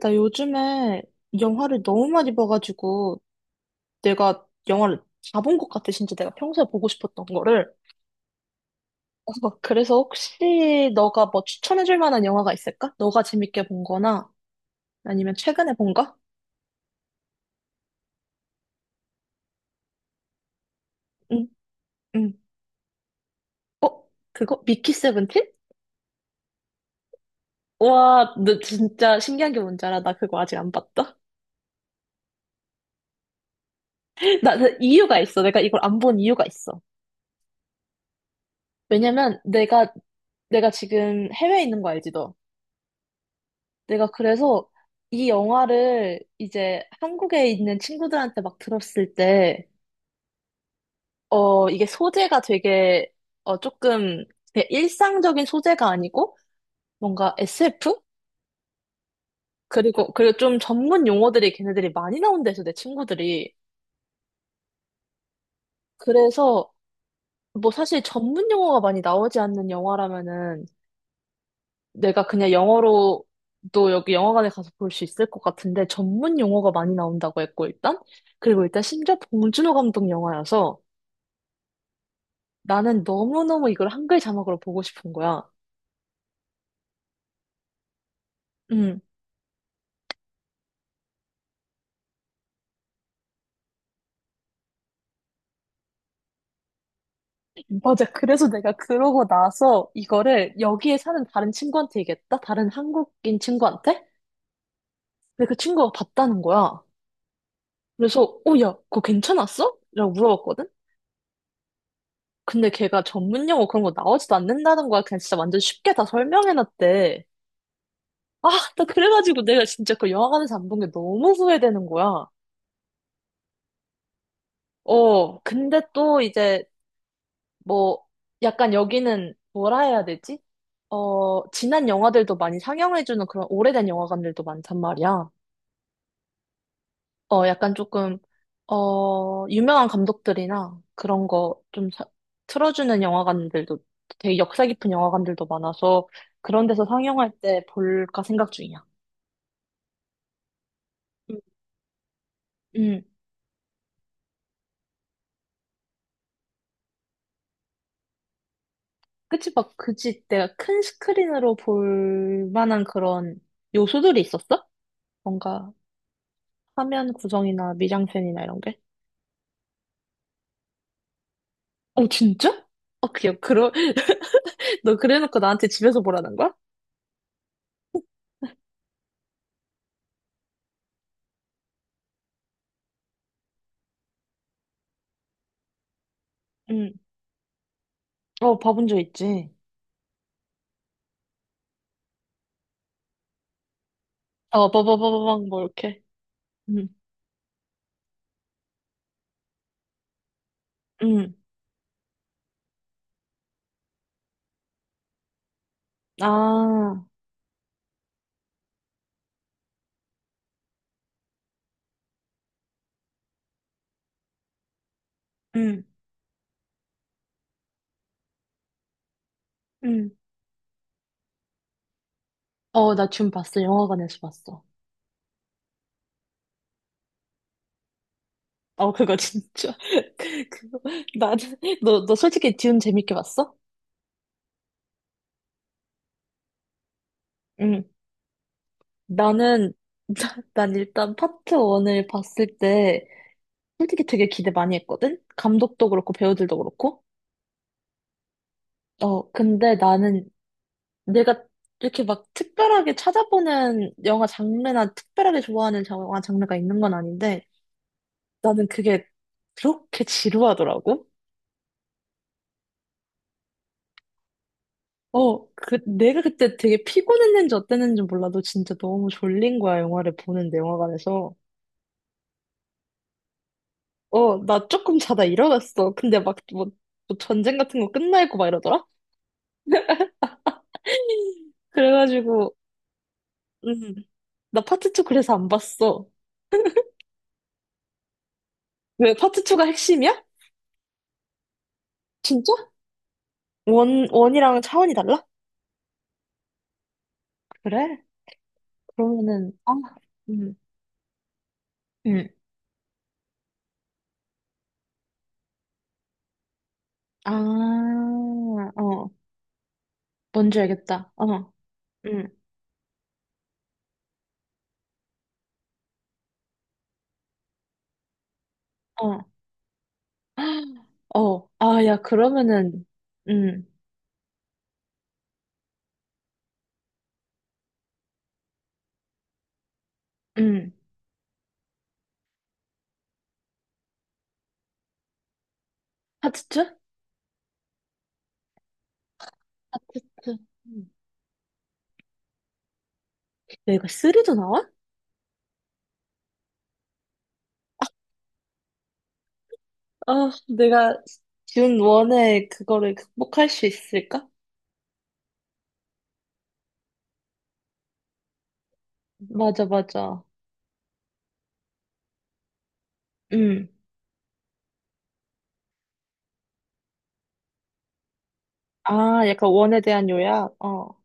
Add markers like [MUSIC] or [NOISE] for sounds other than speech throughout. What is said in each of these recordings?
나 요즘에 영화를 너무 많이 봐가지고 내가 영화를 다 본 것 같아. 진짜 내가 평소에 보고 싶었던 거를. 어, 그래서 혹시 너가 뭐 추천해줄 만한 영화가 있을까? 너가 재밌게 본 거나 아니면 최근에 본 거? 응, 응. 어? 그거? 미키 세븐틴? 와, 너 진짜 신기한 게 뭔지 알아? 나 그거 아직 안 봤다. [LAUGHS] 나 이유가 있어. 내가 이걸 안 본 이유가 있어. 왜냐면 내가 지금 해외에 있는 거 알지, 너? 내가 그래서 이 영화를 이제 한국에 있는 친구들한테 막 들었을 때, 어, 이게 소재가 되게, 조금 되게 일상적인 소재가 아니고, 뭔가 SF? 그리고 좀 전문 용어들이 걔네들이 많이 나온대서 내 친구들이. 그래서, 뭐 사실 전문 용어가 많이 나오지 않는 영화라면은, 내가 그냥 영어로도 여기 영화관에 가서 볼 수 있을 것 같은데, 전문 용어가 많이 나온다고 했고, 일단. 그리고 일단 심지어 봉준호 감독 영화여서 나는 너무너무 이걸 한글 자막으로 보고 싶은 거야. 응, 맞아. 그래서 내가 그러고 나서 이거를 여기에 사는 다른 친구한테 얘기했다? 다른 한국인 친구한테? 근데 그 친구가 봤다는 거야. 그래서, 어, 야, 그거 괜찮았어? 라고 물어봤거든? 근데 걔가 전문 용어 그런 거 나오지도 않는다는 거야. 그냥 진짜 완전 쉽게 다 설명해놨대. 아, 나 그래가지고 내가 진짜 그 영화관에서 안 본 게 너무 후회되는 거야. 어, 근데 또 이제 뭐, 약간 여기는 뭐라 해야 되지? 어, 지난 영화들도 많이 상영해주는 그런 오래된 영화관들도 많단 말이야. 어, 약간 조금, 어, 유명한 감독들이나 그런 거 좀 틀어주는 영화관들도 되게 역사 깊은 영화관들도 많아서 그런 데서 상영할 때 볼까 생각 중이야. 음, 음. 그치, 막, 그치. 내가 큰 스크린으로 볼 만한 그런 요소들이 있었어? 뭔가 화면 구성이나 미장센이나 이런 게? 어, 진짜? 어, 그냥, [LAUGHS] 너 그래놓고 나한테 집에서 보라는 거야? 응. 어, 봐본 적 있지. 어, 빠바바바방, 뭐, 이렇게. 응. 응. 아, 응. 응. 어, 나 줌 봤어. 영화관에서 봤어. 어, 그거 진짜. [LAUGHS] 그거, 나는, 너 솔직히 듄 재밌게 봤어? 응. 나는, [LAUGHS] 난 일단 파트 1을 봤을 때, 솔직히 되게 기대 많이 했거든? 감독도 그렇고, 배우들도 그렇고. 어, 근데 나는 내가 이렇게 막 특별하게 찾아보는 영화 장르나 특별하게 좋아하는 영화 장르가 있는 건 아닌데 나는 그게 그렇게 지루하더라고. 어, 그, 내가 그때 되게 피곤했는지 어땠는지 몰라도 진짜 너무 졸린 거야, 영화를 보는데, 영화관에서. 어, 나 조금 자다 일어났어. 근데 막 뭐, 전쟁 같은 거 끝나 있고 막 이러더라? 그래가지고, 음, 나 파트 2 그래서 안 봤어. 왜 파트 2가 핵심이야? 진짜? 원이랑 차원이 달라? 그래? 그러면은, 아, 음, 음, 아, 어, 뭔지 알겠다. 어, 음, 어, [GASPS] 어, 아, 야, 그러면은, 음, 음, 하트츠? 하트츠. 음. 내가 쓰리도 나와? 아, 내가 준 원의 그거를 극복할 수 있을까? 맞아, 맞아. 음, 아, 약간 원에 대한 요약? 어,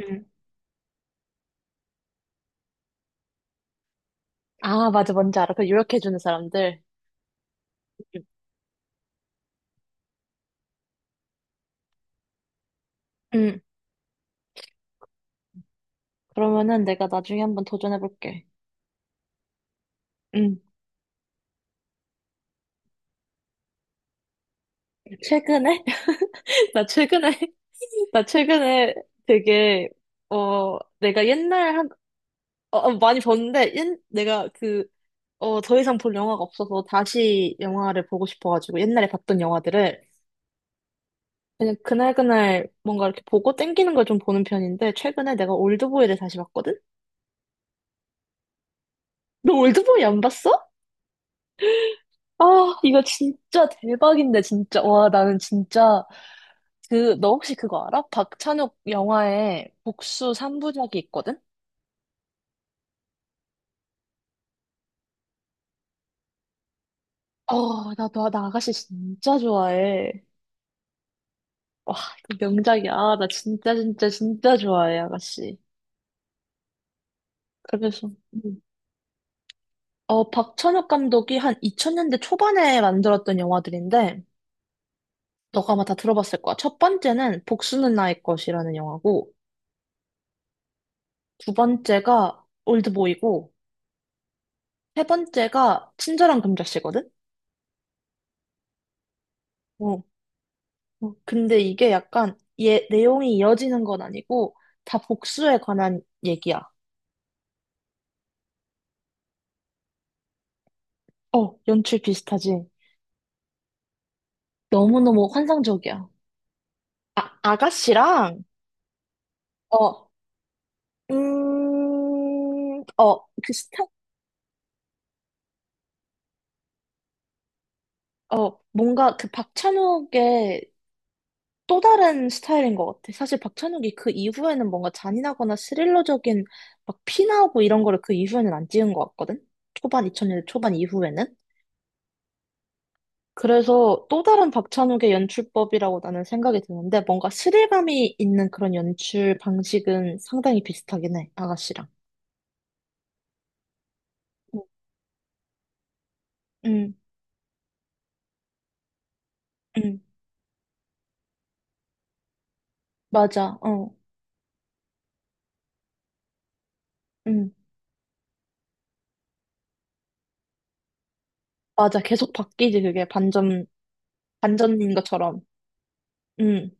음. 아, 맞아, 뭔지 알아. 그 요약해주는 사람들. 음, 그러면은 내가 나중에 한번 도전해볼게. 음. 최근에? [LAUGHS] 나 최근에, [LAUGHS] 나 최근에 되게, 어, 내가 옛날 한, 어, 어, 많이 봤는데, 옛, 내가 그, 어, 더 이상 볼 영화가 없어서 다시 영화를 보고 싶어가지고, 옛날에 봤던 영화들을, 그냥 그날그날 뭔가 이렇게 보고 땡기는 걸 좀 보는 편인데, 최근에 내가 올드보이를 다시 봤거든? 너 올드보이 안 봤어? 아, 이거 진짜 대박인데, 진짜. 와, 나는 진짜. 그, 너 혹시 그거 알아? 박찬욱 영화에 복수 3부작이 있거든? 어, 나 아가씨 진짜 좋아해. 와, 이거 명작이야. 아, 나 진짜, 진짜, 진짜 좋아해, 아가씨. 그래서, 어, 박찬욱 감독이 한 2000년대 초반에 만들었던 영화들인데, 너가 아마 다 들어봤을 거야. 첫 번째는 복수는 나의 것이라는 영화고, 두 번째가 올드보이고, 세 번째가 친절한 금자씨거든? 어. 어, 근데 이게 약간, 얘, 내용이 이어지는 건 아니고, 다 복수에 관한 얘기야. 어, 연출 비슷하지. 너무너무 환상적이야. 아, 아가씨랑, 어, 어, 그 스타, 어, 뭔가 그 박찬욱의 또 다른 스타일인 것 같아. 사실 박찬욱이 그 이후에는 뭔가 잔인하거나 스릴러적인 막 피나오고 이런 거를 그 이후에는 안 찍은 것 같거든? 초반, 2000년대 초반 이후에는? 그래서 또 다른 박찬욱의 연출법이라고 나는 생각이 드는데 뭔가 스릴감이 있는 그런 연출 방식은 상당히 비슷하긴 해, 아가씨랑. 음, 응, 응. 맞아, 어, 응, 맞아. 계속 바뀌지, 그게 반전, 반전인 것처럼. 응.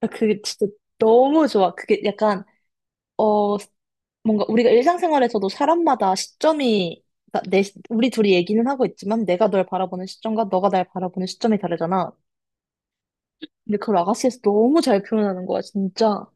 아, 그게 진짜 너무 좋아. 그게 약간, 어, 뭔가 우리가 일상생활에서도 사람마다 시점이, 그러니까 내, 우리 둘이 얘기는 하고 있지만 내가 널 바라보는 시점과 너가 날 바라보는 시점이 다르잖아. 근데 그걸 아가씨에서 너무 잘 표현하는 거야, 진짜.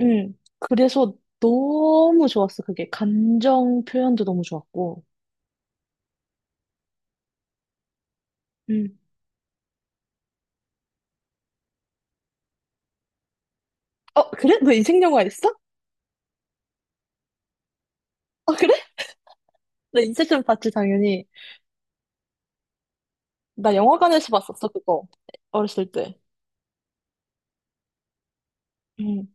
응. 그래서 너무 좋았어, 그게. 감정 표현도 너무 좋았고. 응. 어, 그래? 너 인생 영화 있어? 어, 그래? 나 인셉션 봤지, 당연히. 나 영화관에서 봤었어, 그거. 어렸을 때. 응,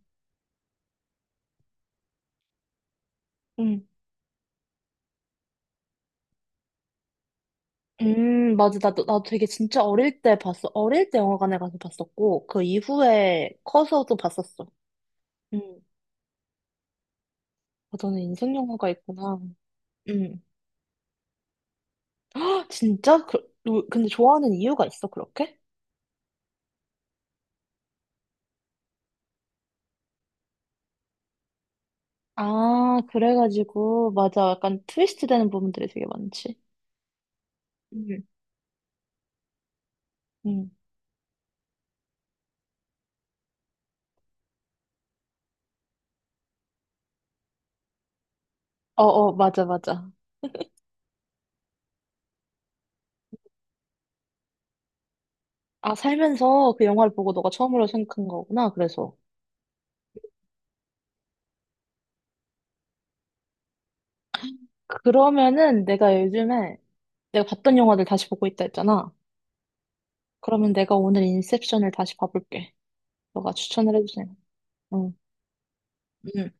응. 맞아. 나도 되게 진짜 어릴 때 봤어. 어릴 때 영화관에 가서 봤었고, 그 이후에 커서도 봤었어. 응. 아, 너는 인생 영화가 있구나. 응. 헉, 진짜? 그, 근데 좋아하는 이유가 있어, 그렇게? 아, 그래가지고, 맞아. 약간 트위스트 되는 부분들이 되게 많지. 응, 응. 어어, 맞아, 맞아. 아, 살면서 그 영화를 보고 너가 처음으로 생각한 거구나, 그래서. 그러면은 내가 요즘에 내가 봤던 영화들 다시 보고 있다 했잖아. 그러면 내가 오늘 인셉션을 다시 봐볼게. 너가 추천을 해주세요. 응. 응.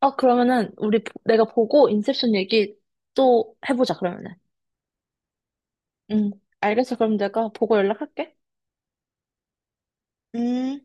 아, 그러면은, 우리, 내가 보고 인셉션 얘기 또 해보자, 그러면은. 응. 알겠어. 그럼 내가 보고 연락할게. 음.